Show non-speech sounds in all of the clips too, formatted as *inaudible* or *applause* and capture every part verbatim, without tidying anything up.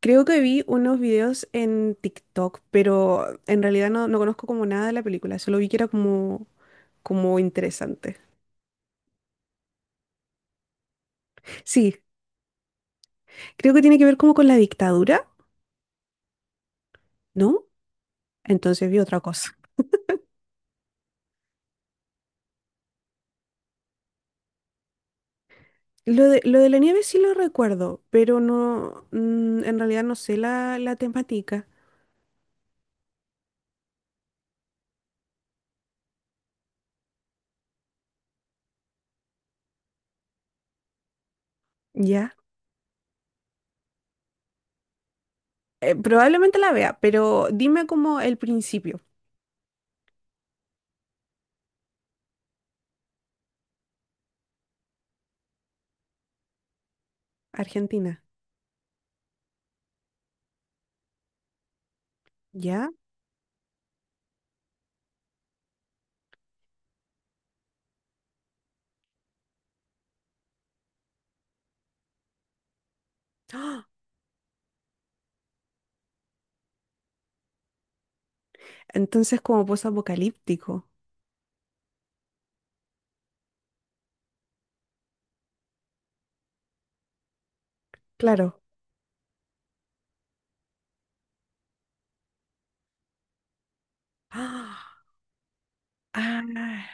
Creo que vi unos videos en TikTok, pero en realidad no, no conozco como nada de la película, solo vi que era como, como interesante. Sí, creo que tiene que ver como con la dictadura, ¿no? Entonces vi otra cosa. Lo de, lo de la nieve sí lo recuerdo, pero no, mm, en realidad no sé la, la temática, ¿ya? Eh, probablemente la vea, pero dime como el principio. Argentina, ¿ya? ¡Ah! Entonces como post-apocalíptico, claro. ¡Ah! Ah,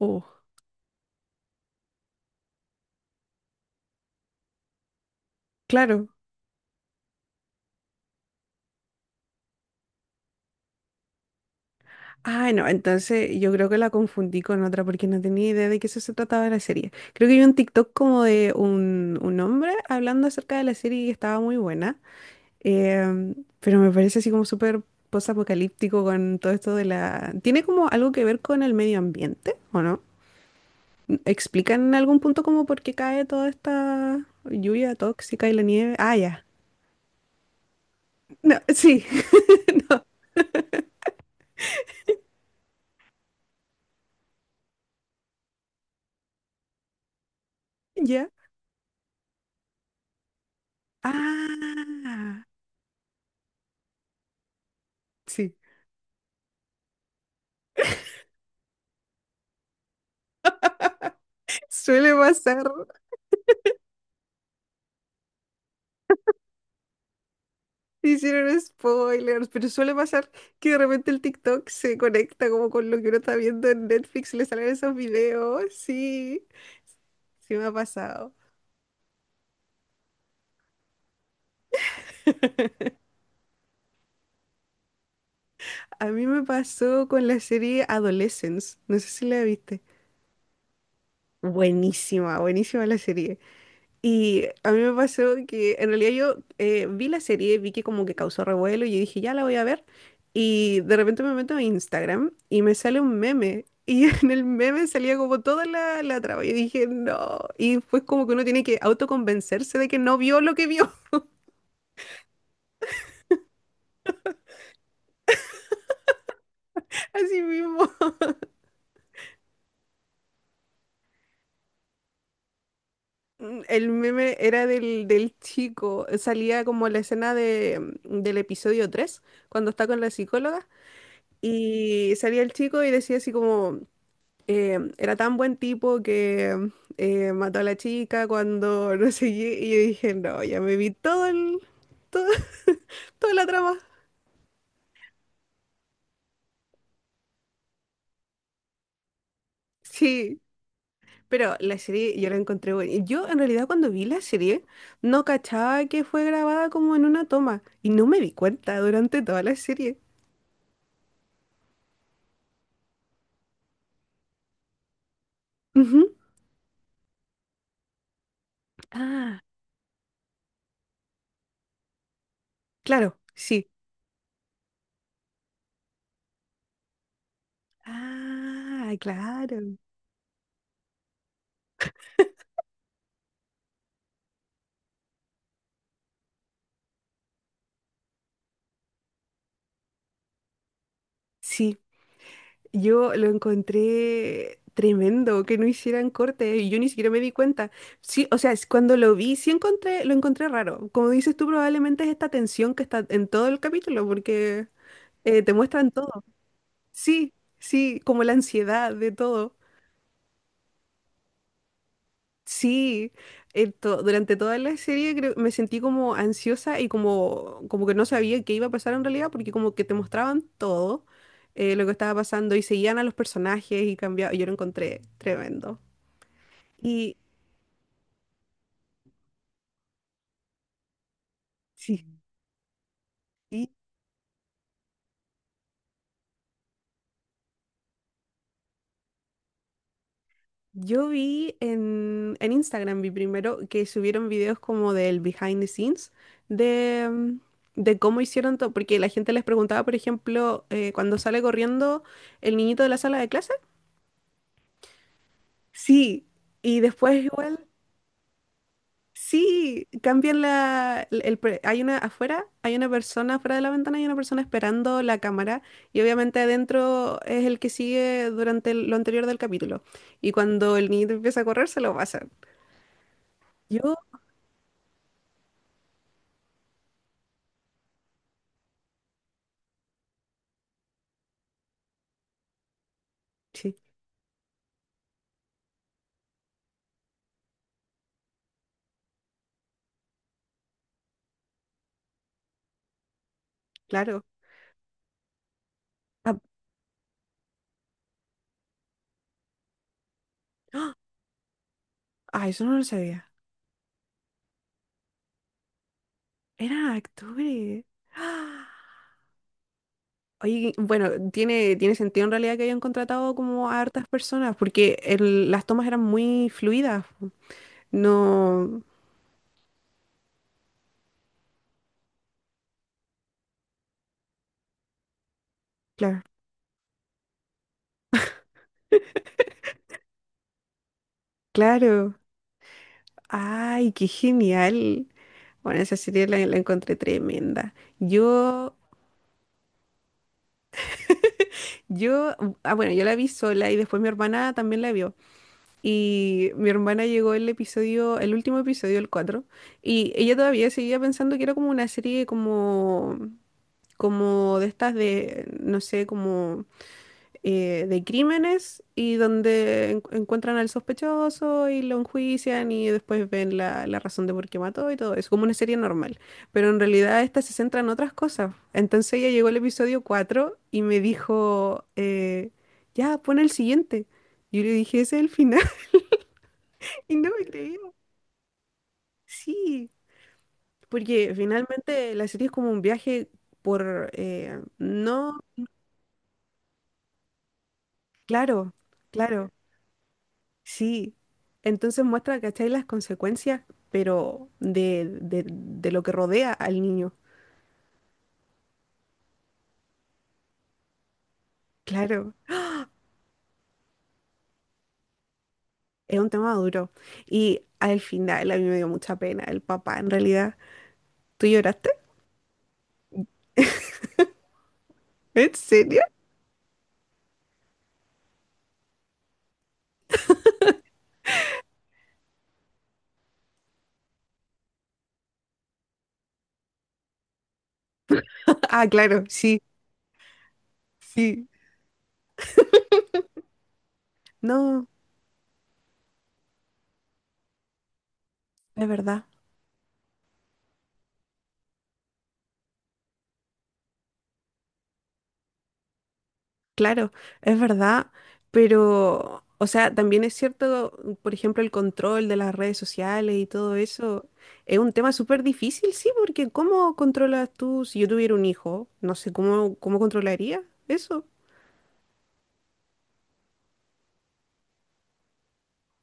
oh. Claro. Ah, no, entonces yo creo que la confundí con otra porque no tenía idea de qué eso se trataba la serie. Creo que vi un TikTok como de un, un hombre hablando acerca de la serie y estaba muy buena. Em, pero me parece así como súper post-apocalíptico con todo esto de la... ¿Tiene como algo que ver con el medio ambiente o no? ¿Explican en algún punto como por qué cae toda esta lluvia tóxica y la nieve? Ah, ya. No, sí, *laughs* no, ya. Ah, sí. Suele pasar. Hicieron spoilers, pero suele pasar que de repente el TikTok se conecta como con lo que uno está viendo en Netflix, le salen esos videos, sí, sí me ha pasado. A mí me pasó con la serie Adolescence, no sé si la viste. Buenísima, buenísima la serie. Y a mí me pasó que en realidad yo eh, vi la serie, vi que como que causó revuelo y yo dije, ya la voy a ver. Y de repente me meto a Instagram y me sale un meme. Y *laughs* en el meme salía como toda la, la trama. Yo dije, no. Y fue como que uno tiene que autoconvencerse de que no vio lo que vio. *laughs* Así mismo. Mm, El meme era del, del chico. Salía como la escena de, mm, del episodio tres cuando está con la psicóloga. Y salía el chico y decía así como... eh, era tan buen tipo que eh, mató a la chica cuando *laughs* no sé qué, y yo dije, no, ya me vi todo el, todo- *laughs* toda la trama. Sí, pero la serie yo la encontré buena. Y Yo en realidad cuando vi la serie no cachaba que fue grabada como en una toma y no me di cuenta durante toda la serie. Ujú. Ah, claro, sí. Ah, claro. Sí. Yo lo encontré tremendo que no hicieran corte y yo ni siquiera me di cuenta. Sí, o sea, es cuando lo vi, sí encontré, lo encontré raro. Como dices tú, probablemente es esta tensión que está en todo el capítulo porque eh, te muestran todo. Sí, sí, como la ansiedad de todo. Sí, en to- durante toda la serie creo- me sentí como ansiosa y como, como que no sabía qué iba a pasar en realidad, porque como que te mostraban todo eh, lo que estaba pasando y seguían a los personajes y cambiaba. Yo lo encontré tremendo. Y sí, y yo vi en, en Instagram, vi primero que subieron videos como del behind the scenes de, mm, de cómo hicieron todo, porque la gente les preguntaba, por ejemplo, eh, cuando sale corriendo el niñito de la sala de clase. Sí, y después igual, sí, cambian la, el, el pre- hay una afuera, hay una persona afuera de la ventana, hay una persona esperando la cámara y obviamente adentro es el que sigue durante el- lo anterior del capítulo. Y cuando el niñito empieza a correr, se lo pasan. Yo, sí, claro. Ah, ¡ah! Ah, eso no lo sabía. Eran actores. *gasps* ¡Ah! Oye, bueno, tiene, tiene sentido en realidad que hayan contratado como a hartas personas, porque el- las tomas eran muy fluidas. No. Claro. Claro. Ay, qué genial. Bueno, esa serie la, la encontré tremenda. Yo, yo, ah, bueno, yo la vi sola y después mi hermana también la vio. Y mi hermana llegó el episodio, el último episodio, el cuatro y ella todavía seguía pensando que era como una serie como, como de estas de, no sé, como eh, de crímenes y donde en- encuentran al sospechoso y lo enjuician y después ven la, la razón de por qué mató y todo eso, como una serie normal. Pero en realidad esta se centra en otras cosas. Entonces ella llegó al episodio cuatro y me dijo, eh, ya, pon el siguiente. Yo le dije, ese es el final. *laughs* Y no me creía. Sí, porque finalmente la serie es como un viaje por, eh, no, claro, claro. Sí, entonces muestra, ¿cachai? Las consecuencias, pero de, de- de lo que rodea al niño. Claro, es un tema duro. Y al final a mí me dio mucha pena el papá, en realidad. ¿Tú lloraste? ¿En serio? *laughs* Ah, claro, sí, sí. No, es verdad. Claro, es verdad, pero, o sea, también es cierto, por ejemplo, el control de las redes sociales y todo eso es un tema súper difícil, sí, porque ¿cómo controlas tú si yo tuviera un hijo? No sé, ¿cómo, cómo controlaría eso?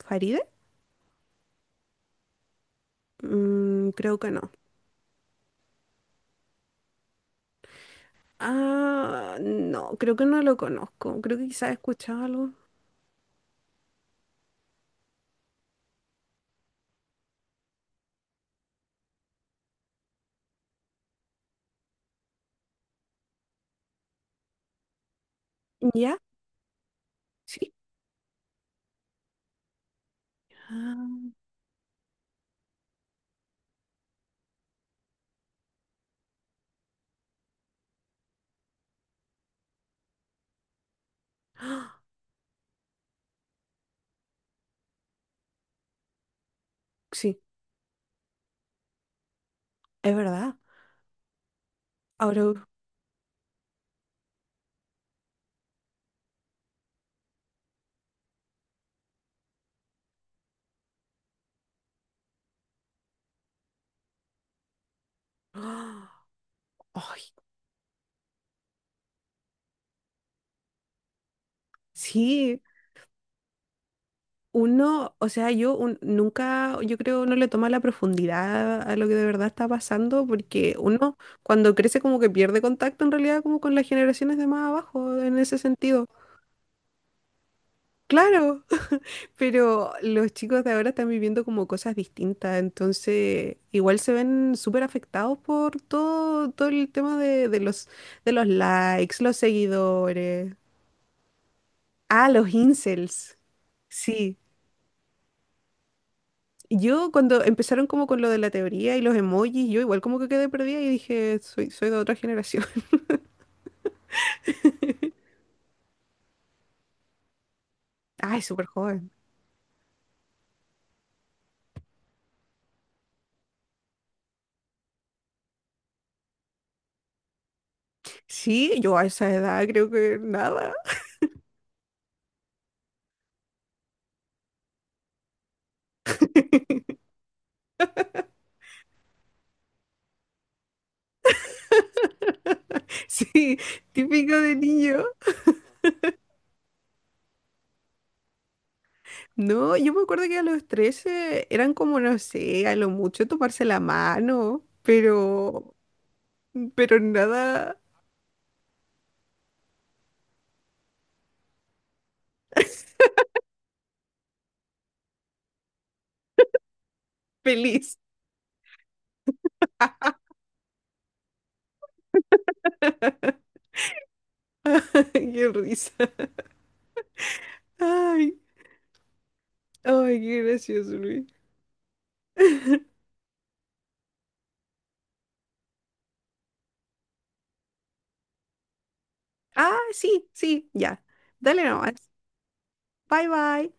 ¿Faride? Mm, creo que no. Ah, no, creo que no lo conozco. Creo que quizás he escuchado algo. ¿Ya? Sí. Ah, sí, es verdad. Ahora, ¡Ah! Ay, sí. Uno, o sea, yo un- nunca, yo creo, no le toma la profundidad a lo que de verdad está pasando, porque uno cuando crece como que pierde contacto en realidad como con las generaciones de más abajo, en ese sentido. Claro. *laughs* Pero los chicos de ahora están viviendo como cosas distintas, entonces igual se ven súper afectados por todo, todo el tema de, de los, de los likes, los seguidores. Ah, los incels. Sí. Yo cuando empezaron como con lo de la teoría y los emojis, yo igual como que quedé perdida y dije, soy, soy de otra generación. *laughs* Ay, súper joven. Sí, yo a esa edad creo que nada. *laughs* Sí, típico de niño. No, yo me acuerdo que a los trece eran como, no sé, a lo mucho tomarse la mano, pero, pero, nada feliz. *laughs* Qué risa. Ay, ay, qué gracioso, Luis. Ah, sí, sí, ya. Dale nomás. Bye, bye.